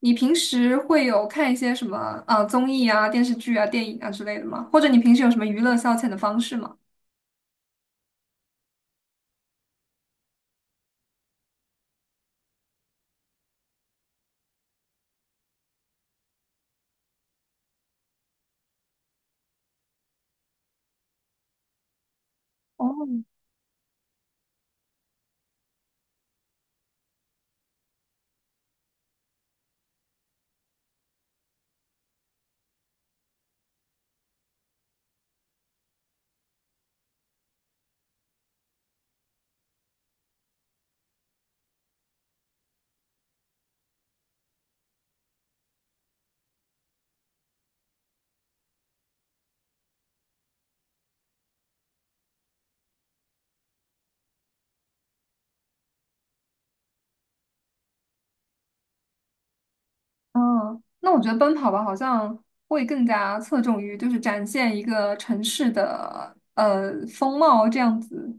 你平时会有看一些什么综艺啊、电视剧啊、电影啊之类的吗？或者你平时有什么娱乐消遣的方式吗？哦。嗯，那我觉得奔跑吧好像会更加侧重于展现一个城市的风貌这样子。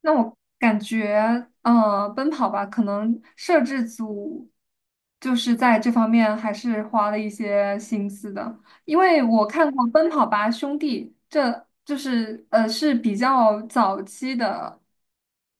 那我感觉，奔跑吧可能摄制组在这方面还是花了一些心思的，因为我看过《奔跑吧兄弟》，这是比较早期的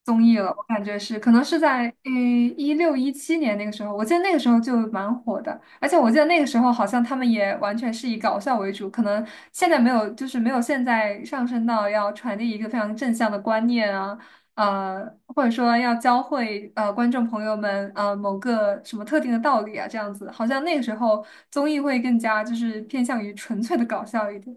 综艺了。我感觉是，可能是在16、17年那个时候，我记得那个时候就蛮火的，而且我记得那个时候好像他们也完全是以搞笑为主。可能现在没有，没有现在上升到要传递一个非常正向的观念啊。呃，或者说要教会观众朋友们某个什么特定的道理啊，这样子。好像那个时候综艺会更加偏向于纯粹的搞笑一点。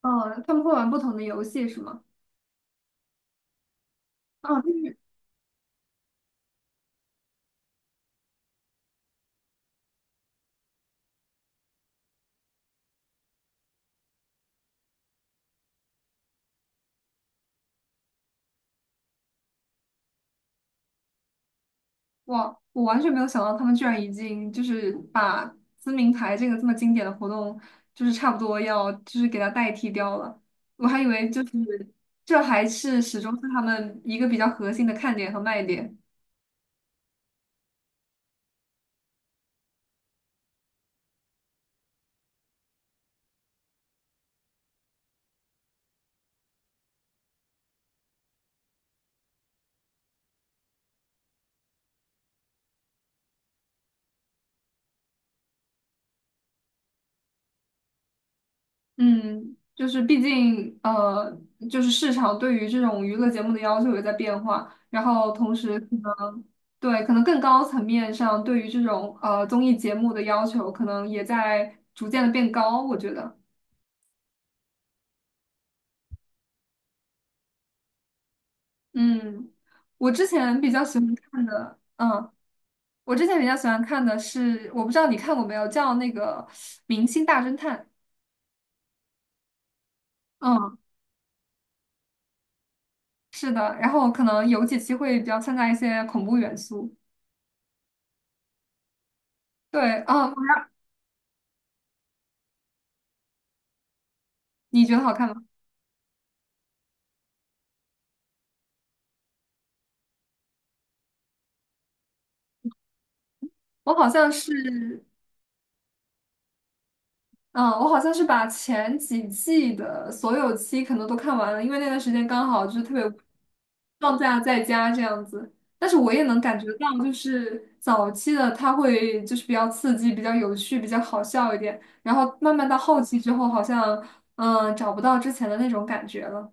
嗯，他们会玩不同的游戏是吗？啊，就是。哇，我完全没有想到他们居然已经把撕名牌这个这么经典的活动，差不多要给它代替掉了。我还以为这还是始终是他们一个比较核心的看点和卖点。嗯，毕竟市场对于这种娱乐节目的要求也在变化，然后同时可能对，可能更高层面上对于这种综艺节目的要求可能也在逐渐的变高，我觉得。嗯，我之前比较喜欢看的，嗯，我之前比较喜欢看的是，我不知道你看过没有，叫那个《明星大侦探》。嗯，是的，然后可能有几期会比较掺杂一些恐怖元素。对。啊，你觉得好看吗？我好像是，嗯，我好像是把前几季的所有期可能都看完了，因为那段时间刚好特别放假在家这样子。但是我也能感觉到，早期的它会比较刺激、比较有趣、比较好笑一点，然后慢慢到后期之后，好像找不到之前的那种感觉了。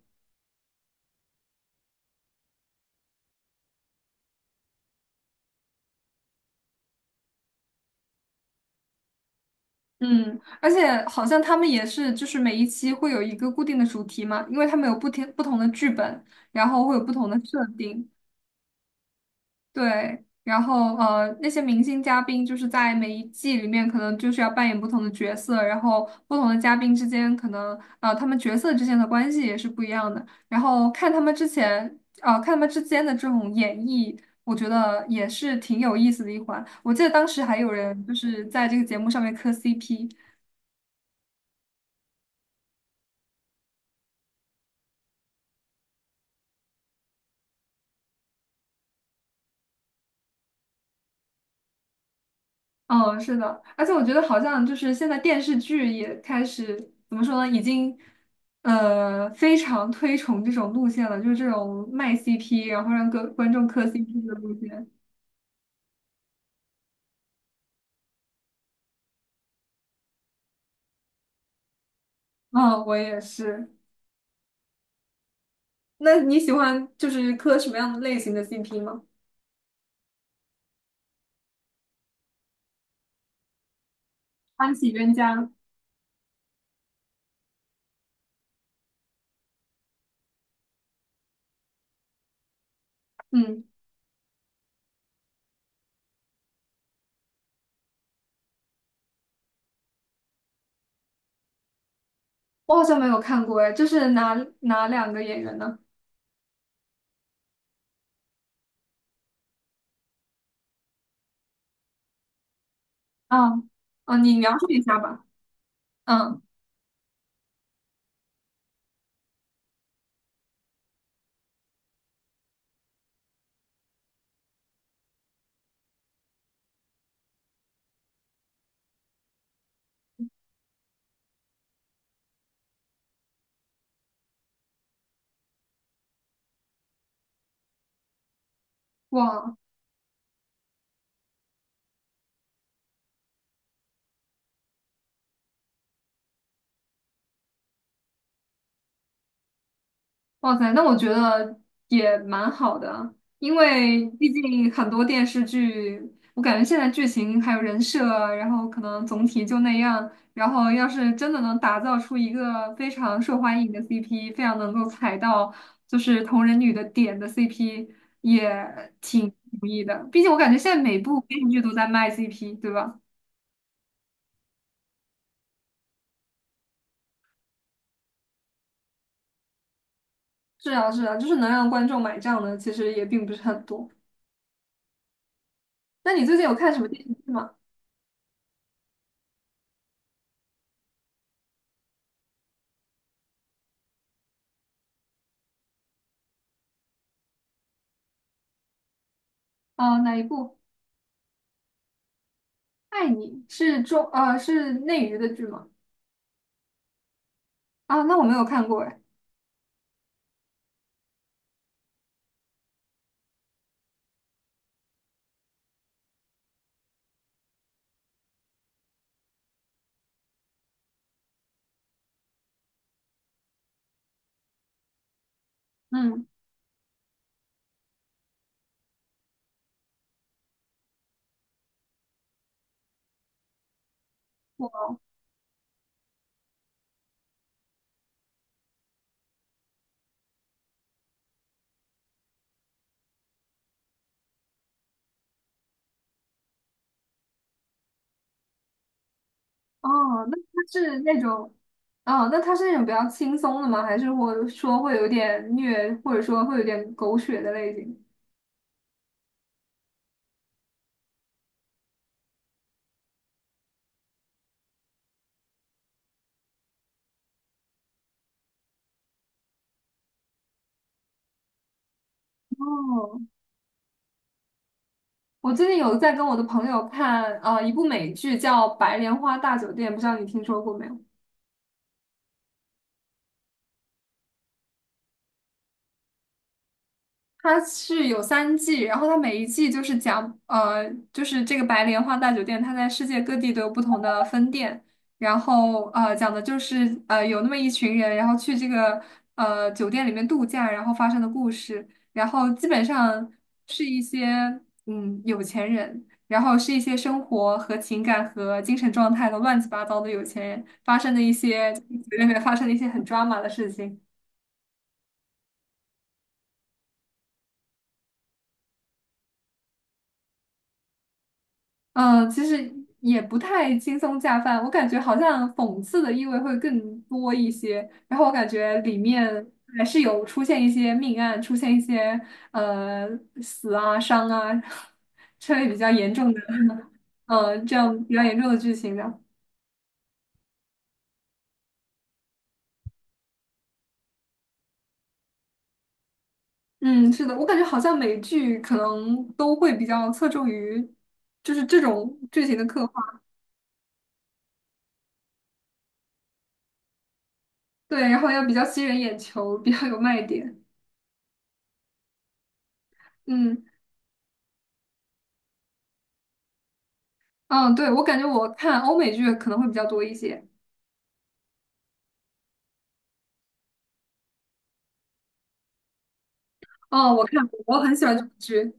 嗯，而且好像他们也是，每一期会有一个固定的主题嘛，因为他们有不同的剧本，然后会有不同的设定。对，然后那些明星嘉宾在每一季里面，可能要扮演不同的角色，然后不同的嘉宾之间，可能他们角色之间的关系也是不一样的。然后看他们之前，看他们之间的这种演绎，我觉得也是挺有意思的一环。我记得当时还有人在这个节目上面磕 CP。嗯，是的，而且我觉得好像现在电视剧也开始怎么说呢，已经非常推崇这种路线了，就是这种卖 CP，然后让各观众磕 CP 的路线。嗯，我也是。那你喜欢磕什么样的类型的 CP 吗？欢喜冤家。嗯，我好像没有看过哎，这是哪哪两个演员呢？啊，啊，你描述一下吧。嗯。哇。哇塞，那我觉得也蛮好的啊，因为毕竟很多电视剧，我感觉现在剧情还有人设啊，然后可能总体就那样。然后要是真的能打造出一个非常受欢迎的 CP，非常能够踩到同人女的点的 CP，也挺不容易的。毕竟我感觉现在每部电视剧都在卖 CP，对吧？是啊，是啊，能让观众买账的，其实也并不是很多。那你最近有看什么电视剧吗？啊、哪一部？爱你是是内娱的剧吗？啊，那我没有看过哎。嗯，我。哦，那它是那种？哦，那它是那种比较轻松的吗？还是或者说会有点虐，或者说会有点狗血的类型？哦，我最近有在跟我的朋友看一部美剧叫《白莲花大酒店》，不知道你听说过没有？它是有3季，然后它每一季就是讲，这个白莲花大酒店，它在世界各地都有不同的分店，然后讲的就是有那么一群人，然后去这个酒店里面度假，然后发生的故事，然后基本上是一些有钱人，然后是一些生活和情感和精神状态都乱七八糟的有钱人发生的一些酒店里面发生的一些很抓马的事情。嗯，其实也不太轻松下饭，我感觉好像讽刺的意味会更多一些。然后我感觉里面还是有出现一些命案，出现一些呃死啊、伤啊 这类比较严重的，嗯，这样比较严重的剧情的。嗯，是的，我感觉好像美剧可能都会比较侧重于这种剧情的刻画，对，然后要比较吸人眼球，比较有卖点。嗯。嗯，对，我感觉我看欧美剧可能会比较多一些。哦，我看过，我很喜欢这部剧。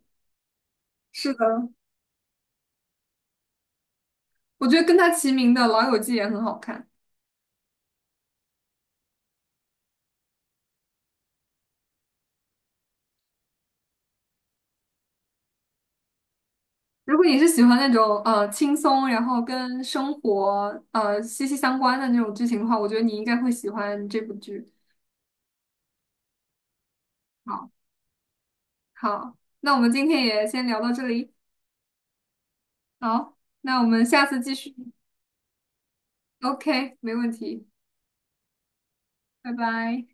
是的，我觉得跟它齐名的《老友记》也很好看。如果你是喜欢那种轻松，然后跟生活息息相关的那种剧情的话，我觉得你应该会喜欢这部剧。好，好，那我们今天也先聊到这里。好，那我们下次继续。OK，没问题，拜拜。